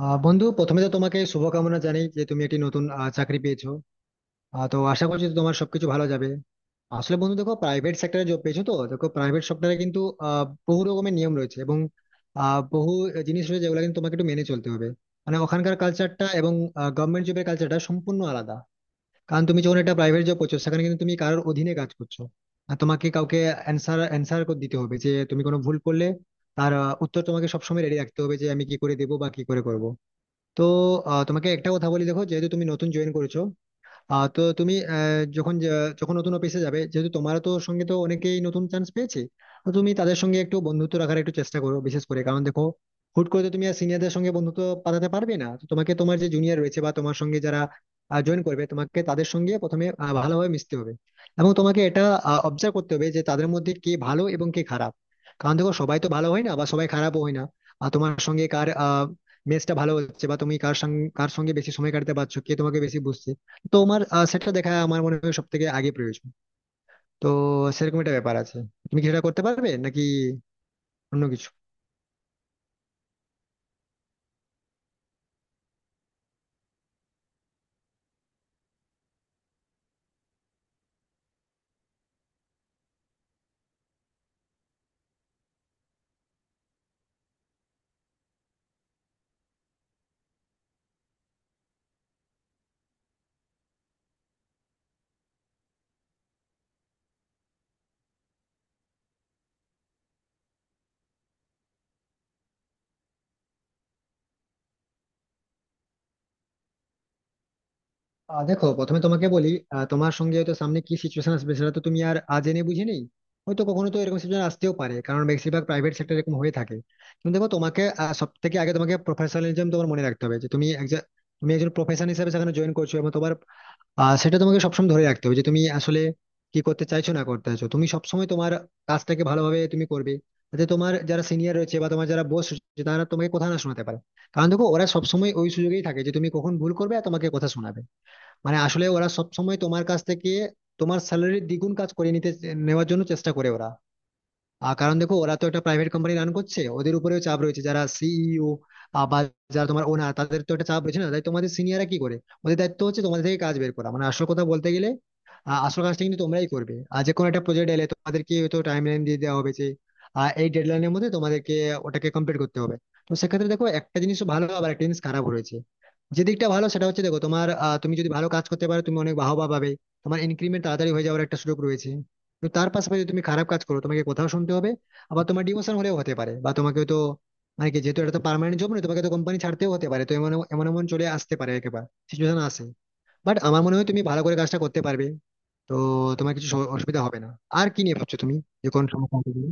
বন্ধু, প্রথমে তো তোমাকে শুভকামনা জানাই যে তুমি একটি নতুন চাকরি পেয়েছো। তো আশা করছি যে তোমার সবকিছু ভালো যাবে। আসলে বন্ধু দেখো, প্রাইভেট সেক্টরে জব পেয়েছো, তো দেখো প্রাইভেট সেক্টরে কিন্তু বহু রকমের নিয়ম রয়েছে এবং বহু জিনিস রয়েছে যেগুলো কিন্তু তোমাকে একটু মেনে চলতে হবে। মানে ওখানকার কালচারটা এবং গভর্নমেন্ট জবের কালচারটা সম্পূর্ণ আলাদা। কারণ তুমি যখন একটা প্রাইভেট জব করছো, সেখানে কিন্তু তুমি কারোর অধীনে কাজ করছো আর তোমাকে কাউকে অ্যান্সার অ্যান্সার দিতে হবে। যে তুমি কোনো ভুল করলে তার উত্তর তোমাকে সবসময় রেডি রাখতে হবে, যে আমি কি করে দেবো বা কি করে করব। তো তোমাকে একটা কথা বলি, দেখো যেহেতু তুমি নতুন জয়েন করেছো, তো তুমি যখন নতুন অফিসে যাবে, যেহেতু তোমার তো সঙ্গে তো অনেকেই নতুন চান্স পেয়েছে, তো তুমি তাদের সঙ্গে একটু বন্ধুত্ব রাখার একটু চেষ্টা করো। বিশেষ করে কারণ দেখো, হুট করে তো তুমি আর সিনিয়রদের সঙ্গে বন্ধুত্ব পাঠাতে পারবে না, তো তোমাকে তোমার যে জুনিয়র রয়েছে বা তোমার সঙ্গে যারা জয়েন করবে, তোমাকে তাদের সঙ্গে প্রথমে ভালোভাবে মিশতে হবে। এবং তোমাকে এটা অবজার্ভ করতে হবে যে তাদের মধ্যে কে ভালো এবং কে খারাপ। কারণ দেখো সবাই তো ভালো হয় না বা সবাই খারাপও হয় না। আর তোমার সঙ্গে কার মেজটা ভালো হচ্ছে বা তুমি কার সঙ্গে কার সঙ্গে বেশি সময় কাটাতে পারছো, কে তোমাকে বেশি বুঝছে, তো আমার সেটা দেখা আমার মনে হয় সব থেকে আগে প্রয়োজন। তো সেরকম একটা ব্যাপার আছে। তুমি কি সেটা করতে পারবে নাকি অন্য কিছু? দেখো প্রথমে তোমাকে বলি, তোমার সঙ্গে হয়তো সামনে কি সিচুয়েশন আসবে সেটা তো তুমি আর জেনে বুঝে নেই। হয়তো কখনো তো এরকম সিচুয়েশন আসতেও পারে, কারণ বেশিরভাগ প্রাইভেট সেক্টর এরকম হয়ে থাকে। কিন্তু দেখো তোমাকে সব থেকে আগে তোমাকে প্রফেশনালিজম তোমার মনে রাখতে হবে যে তুমি একজন, তুমি একজন প্রফেশন হিসেবে সেখানে জয়েন করছো এবং তোমার সেটা তোমাকে সবসময় ধরে রাখতে হবে যে তুমি আসলে কি করতে চাইছো না করতে চাইছো। তুমি সবসময় তোমার কাজটাকে ভালোভাবে তুমি করবে, যাতে তোমার যারা সিনিয়র রয়েছে বা তোমার যারা বস রয়েছে তারা তোমাকে কথা না শোনাতে পারে। কারণ দেখো ওরা সবসময় ওই সুযোগেই থাকে যে তুমি কখন ভুল করবে আর তোমাকে কথা শোনাবে। মানে আসলে ওরা সবসময় তোমার কাছ থেকে তোমার স্যালারির দ্বিগুণ কাজ করে নিতে নেওয়ার জন্য চেষ্টা করে ওরা। কারণ দেখো ওরা তো একটা প্রাইভেট কোম্পানি রান করছে, ওদের উপরেও চাপ রয়েছে, যারা সিইও বা যারা তোমার ওনার, তাদের তো একটা চাপ রয়েছে না, তাই তোমাদের সিনিয়ররা কি করে, ওদের দায়িত্ব হচ্ছে তোমাদের থেকে কাজ বের করা। মানে আসল কথা বলতে গেলে আসল কাজটা কিন্তু তোমরাই করবে। আর যে কোনো একটা প্রজেক্ট এলে তোমাদেরকে হয়তো টাইম লাইন দিয়ে দেওয়া হবে যে এই ডেডলাইনের মধ্যে তোমাদেরকে ওটাকে কমপ্লিট করতে হবে। তো সেক্ষেত্রে দেখো একটা জিনিস ভালো আবার একটা জিনিস খারাপ রয়েছে। যে দিকটা ভালো সেটা হচ্ছে দেখো তোমার তুমি যদি ভালো কাজ করতে পারো তুমি অনেক বাহবা পাবে, তোমার ইনক্রিমেন্ট তাড়াতাড়ি হয়ে যাওয়ার একটা সুযোগ রয়েছে। তো তার পাশাপাশি যদি তুমি খারাপ কাজ করো তোমাকে কোথাও শুনতে হবে, আবার তোমার ডিমোশন হলেও হতে পারে, বা তোমাকে তো মানে কি, যেহেতু এটা তো পার্মানেন্ট জব নয়, তোমাকে তো কোম্পানি ছাড়তেও হতে পারে। তো এমন এমন এমন চলে আসতে পারে একেবারে সিচুয়েশন আসে। বাট আমার মনে হয় তুমি ভালো করে কাজটা করতে পারবে। তো তোমার কিছু অসুবিধা হবে না। আর কি নিয়ে ভাবছো তুমি? যে কোন সমস্যা হবে বলে?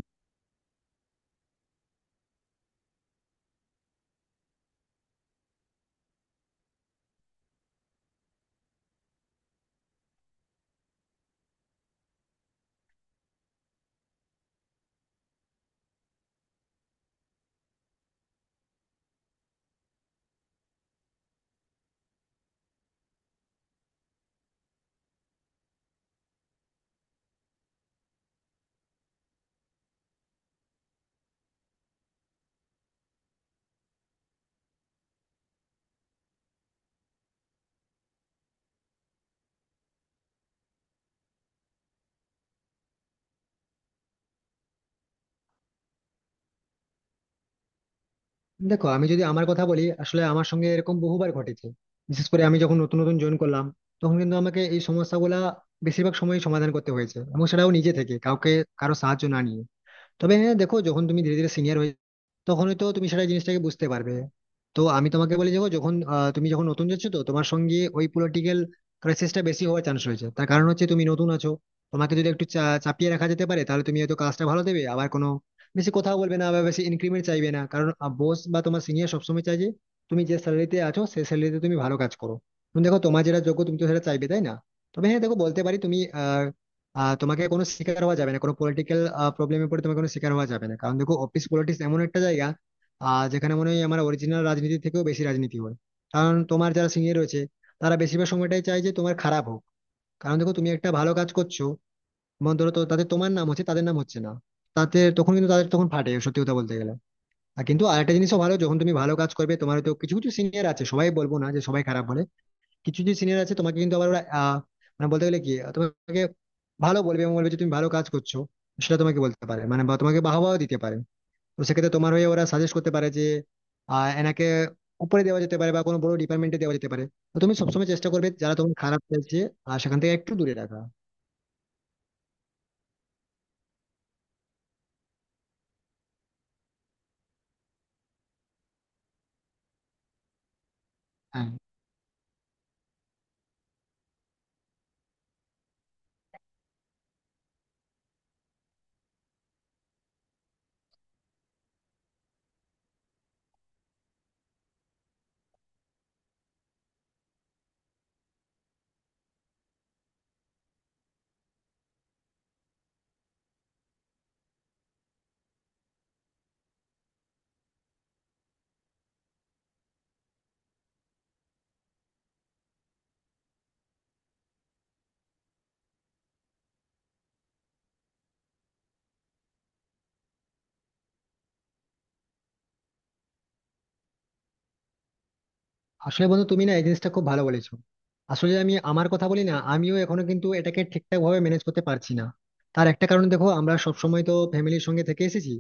দেখো আমি যদি আমার কথা বলি, আসলে আমার সঙ্গে এরকম বহুবার ঘটেছে। বিশেষ করে আমি যখন নতুন নতুন জয়েন করলাম, তখন কিন্তু আমাকে এই সমস্যাগুলা বেশিরভাগ সময় সমাধান করতে হয়েছে এবং সেটাও নিজে থেকে কাউকে, কারো সাহায্য না নিয়ে। তবে হ্যাঁ দেখো, যখন তুমি ধীরে ধীরে সিনিয়র হয়ে, তখন তো তুমি সেটা জিনিসটাকে বুঝতে পারবে। তো আমি তোমাকে বলি দেখো, তুমি যখন নতুন যাচ্ছ, তো তোমার সঙ্গে ওই পলিটিক্যাল ক্রাইসিসটা বেশি হওয়ার চান্স রয়েছে। তার কারণ হচ্ছে তুমি নতুন আছো। তোমাকে যদি একটু চাপিয়ে রাখা যেতে পারে, তাহলে তুমি হয়তো কাজটা ভালো দেবে, আবার কোনো বেশি কথাও বলবে না বা বেশি ইনক্রিমেন্ট চাইবে না। কারণ বস বা তোমার সিনিয়র সবসময় চাই যে তুমি যে স্যালারিতে আছো সেই স্যালারিতে তুমি ভালো কাজ করো। তুমি দেখো তোমার যেটা যোগ্য তুমি তো সেটা চাইবে, তাই না? তবে হ্যাঁ দেখো বলতে পারি, তুমি তোমাকে কোনো শিকার হওয়া যাবে না, কোনো পলিটিক্যাল প্রবলেমে পড়ে তোমাকে কোনো শিকার হওয়া যাবে না। কারণ দেখো অফিস পলিটিক্স এমন একটা জায়গা যেখানে মনে হয় আমার অরিজিনাল রাজনীতি থেকেও বেশি রাজনীতি হয়। কারণ তোমার যারা সিনিয়র রয়েছে, তারা বেশিরভাগ সময়টাই চায় যে তোমার খারাপ হোক। কারণ দেখো তুমি একটা ভালো কাজ করছো এবং ধরো, তো তাতে তোমার নাম হচ্ছে, তাদের নাম হচ্ছে না, তাতে তখন কিন্তু তাদের তখন ফাটে, সত্যি কথা বলতে গেলে। আর কিন্তু আরেকটা জিনিসও ভালো, যখন তুমি ভালো কাজ করবে, তোমার তো কিছু কিছু সিনিয়র আছে, সবাই বলবো না যে সবাই খারাপ বলে। কিছু যে সিনিয়র আছে, তোমাকে কিন্তু আবার ওরা মানে বলতে গেলে কি তোমাকে ভালো বলবে এবং বলবে যে তুমি ভালো কাজ করছো। সেটা তোমাকে বলতে পারে মানে, বা তোমাকে বাহবাও দিতে পারে। তো সেক্ষেত্রে তোমার হয়ে ওরা সাজেস্ট করতে পারে যে এনাকে উপরে দেওয়া যেতে পারে বা কোনো বড় ডিপার্টমেন্টে দেওয়া যেতে পারে। তো তুমি সবসময় চেষ্টা করবে যারা তোমার খারাপ চাইছে আর সেখান থেকে একটু দূরে রাখা। হ্যাঁ, আসলে বন্ধু তুমি না এই জিনিসটা খুব ভালো বলেছো। আসলে আমি আমার কথা বলি না, আমিও এখনো কিন্তু এটাকে ঠিকঠাক ভাবে ম্যানেজ করতে পারছি না। তার একটা কারণ দেখো, আমরা সব সময় তো ফ্যামিলির সঙ্গে থেকে এসেছি।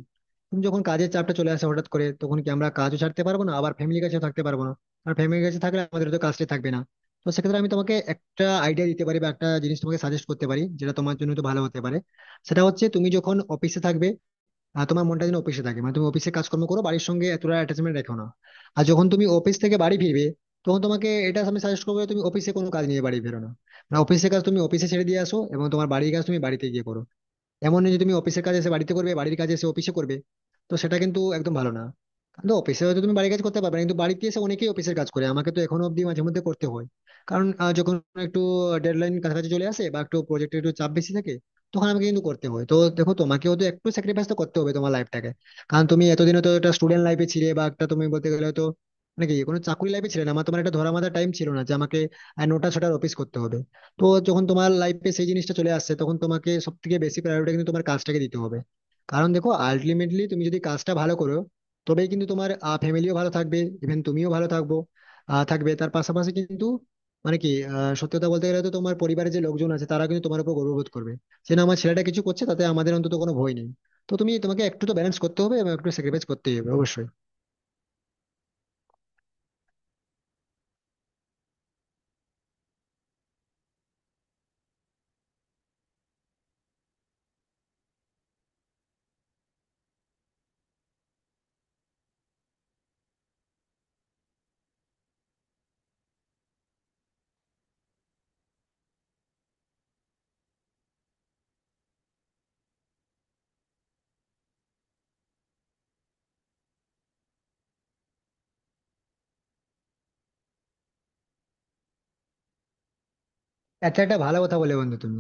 তুমি যখন কাজের চাপটা চলে আসে হঠাৎ করে, তখন কি আমরা কাজও ছাড়তে পারবো না আবার ফ্যামিলির কাছেও থাকতে পারবো না। আর ফ্যামিলির কাছে থাকলে আমাদের তো কাজটাই থাকবে না। তো সেক্ষেত্রে আমি তোমাকে একটা আইডিয়া দিতে পারি বা একটা জিনিস তোমাকে সাজেস্ট করতে পারি যেটা তোমার জন্য তো ভালো হতে পারে। সেটা হচ্ছে তুমি যখন অফিসে থাকবে, তোমার মনটা যেন অফিসে থাকে, মানে তুমি অফিসে কাজকর্ম করো, বাড়ির সঙ্গে এতটা অ্যাটাচমেন্ট রেখো না। আর যখন তুমি অফিস থেকে বাড়ি ফিরবে, তখন তোমাকে এটা আমি সাজেস্ট করবো যে তুমি অফিসে কোনো কাজ নিয়ে বাড়ি ফেরো না। মানে অফিসের কাজ তুমি অফিসে ছেড়ে দিয়ে আসো এবং তোমার বাড়ির কাজ তুমি বাড়িতে গিয়ে করো। এমন নয় যে তুমি অফিসের কাজ এসে বাড়িতে করবে, বাড়ির কাজ এসে অফিসে করবে। তো সেটা কিন্তু একদম ভালো না। কিন্তু অফিসে হয়তো তুমি বাড়ির কাজ করতে পারবে না, কিন্তু বাড়িতে এসে অনেকেই অফিসের কাজ করে, আমাকে তো এখনো অব্দি মাঝে মধ্যে করতে হয়। কারণ যখন একটু ডেডলাইন কাছাকাছি চলে আসে বা একটু প্রজেক্টের একটু চাপ বেশি থাকে, তখন আমাকে কিন্তু করতে হয়। তো দেখো তোমাকেও তো একটু স্যাক্রিফাইস তো করতে হবে তোমার লাইফটাকে। কারণ তুমি এতদিন তো একটা স্টুডেন্ট লাইফে ছিলে, বা একটা তুমি বলতে গেলে তো মানে কি কোনো চাকরি লাইফে ছিলে না, আমার তোমার একটা ধরা বাঁধা টাইম ছিল না যে আমাকে 9টা-6টার অফিস করতে হবে। তো যখন তোমার লাইফে সেই জিনিসটা চলে আসছে, তখন তোমাকে সব থেকে বেশি প্রায়োরিটি কিন্তু তোমার কাজটাকে দিতে হবে। কারণ দেখো আলটিমেটলি তুমি যদি কাজটা ভালো করো, তবেই কিন্তু তোমার ফ্যামিলিও ভালো থাকবে, ইভেন তুমিও ভালো থাকবো। থাকবে তার পাশাপাশি কিন্তু, মানে কি, সত্যি কথা বলতে গেলে তো তোমার পরিবারের যে লোকজন আছে তারা কিন্তু তোমার উপর গর্ববোধ করবে যে না, আমার ছেলেটা কিছু করছে, তাতে আমাদের অন্তত কোনো ভয় নেই। তো তুমি তোমাকে একটু তো ব্যালেন্স করতে হবে এবং একটু স্যাক্রিফাইস করতে হবে অবশ্যই। আচ্ছা, একটা ভালো কথা বলে বন্ধু তুমি।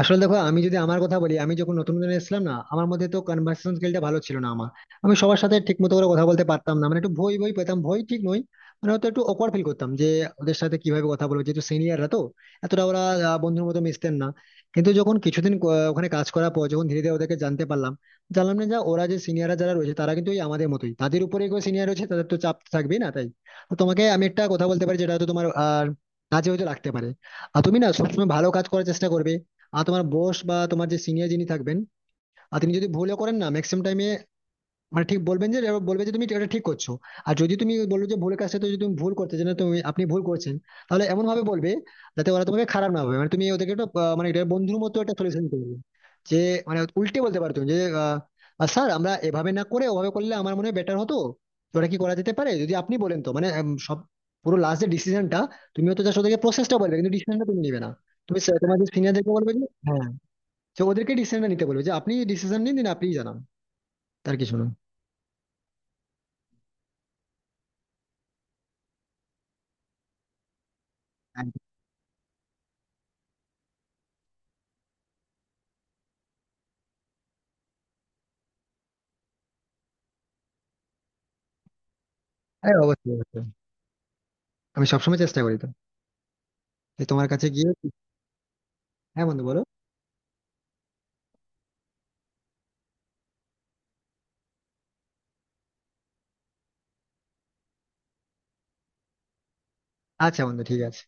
আসলে দেখো আমি যদি আমার কথা বলি, আমি যখন নতুন নতুন এসেছিলাম না, আমার মধ্যে তো কনভার্সেশন স্কিলটা ভালো ছিল না আমার। আমি সবার সাথে ঠিক মতো করে কথা বলতে পারতাম না, মানে একটু ভয় ভয় পেতাম, ভয় ঠিক নয়, মানে হয়তো একটু অকওয়ার্ড ফিল করতাম যে ওদের সাথে কিভাবে কথা বলবো, যেহেতু সিনিয়ররা তো এতটা ওরা বন্ধুর মতো মিশতেন না। কিন্তু যখন কিছুদিন ওখানে কাজ করার পর যখন ধীরে ধীরে ওদেরকে জানতে পারলাম, জানলাম না, যে ওরা যে সিনিয়ররা যারা রয়েছে তারা কিন্তু ওই আমাদের মতোই, তাদের উপরে সিনিয়র রয়েছে, তাদের তো চাপ থাকবেই না তাই। তো তোমাকে আমি একটা কথা বলতে পারি যেটা হয়তো তোমার আর কাজে হয়তো লাগতে পারে। আর তুমি না সবসময় ভালো কাজ করার চেষ্টা করবে। আর তোমার বস বা তোমার যে সিনিয়র যিনি থাকবেন, আর তিনি যদি ভুলও করেন না, ম্যাক্সিমাম টাইমে মানে ঠিক বলবেন যে, এবার বলবে যে তুমি এটা ঠিক করছো। আর যদি তুমি বললো যে ভুল কাজটা তো, যদি তুমি ভুল করতে যে না, তুমি আপনি ভুল করছেন, তাহলে এমন ভাবে বলবে যাতে ওরা তোমাকে খারাপ না ভাবে, মানে তুমি ওদেরকে একটা মানে এটা বন্ধুর মতো একটা সলিউশন করবে। যে মানে উল্টে বলতে পারো তুমি যে, স্যার আমরা এভাবে না করে ওভাবে করলে আমার মনে হয় বেটার হতো। তো ওটা কি করা যেতে পারে যদি আপনি বলেন? তো মানে সব পুরো লাস্ট এর ডিসিশনটা তুমি হয়তো জাস্ট ওদেরকে প্রসেসটা বলবে, কিন্তু ডিসিশনটা তুমি নেবে না। তুমি sir, তোমার সিনিয়রদেরকে বলবে যে হ্যাঁ, তো ওদেরকে ডিসিশনটা নিতে বলবে যে আপনি ডিসিশন নিন দিন, আপনিই জানান। তার কিছু না। হ্যাঁ, অবশ্যই অবশ্যই। আমি সবসময় চেষ্টা করি তো যে তোমার কাছে গিয়ে। হ্যাঁ বন্ধু বলো। আচ্ছা বন্ধু, ঠিক আছে।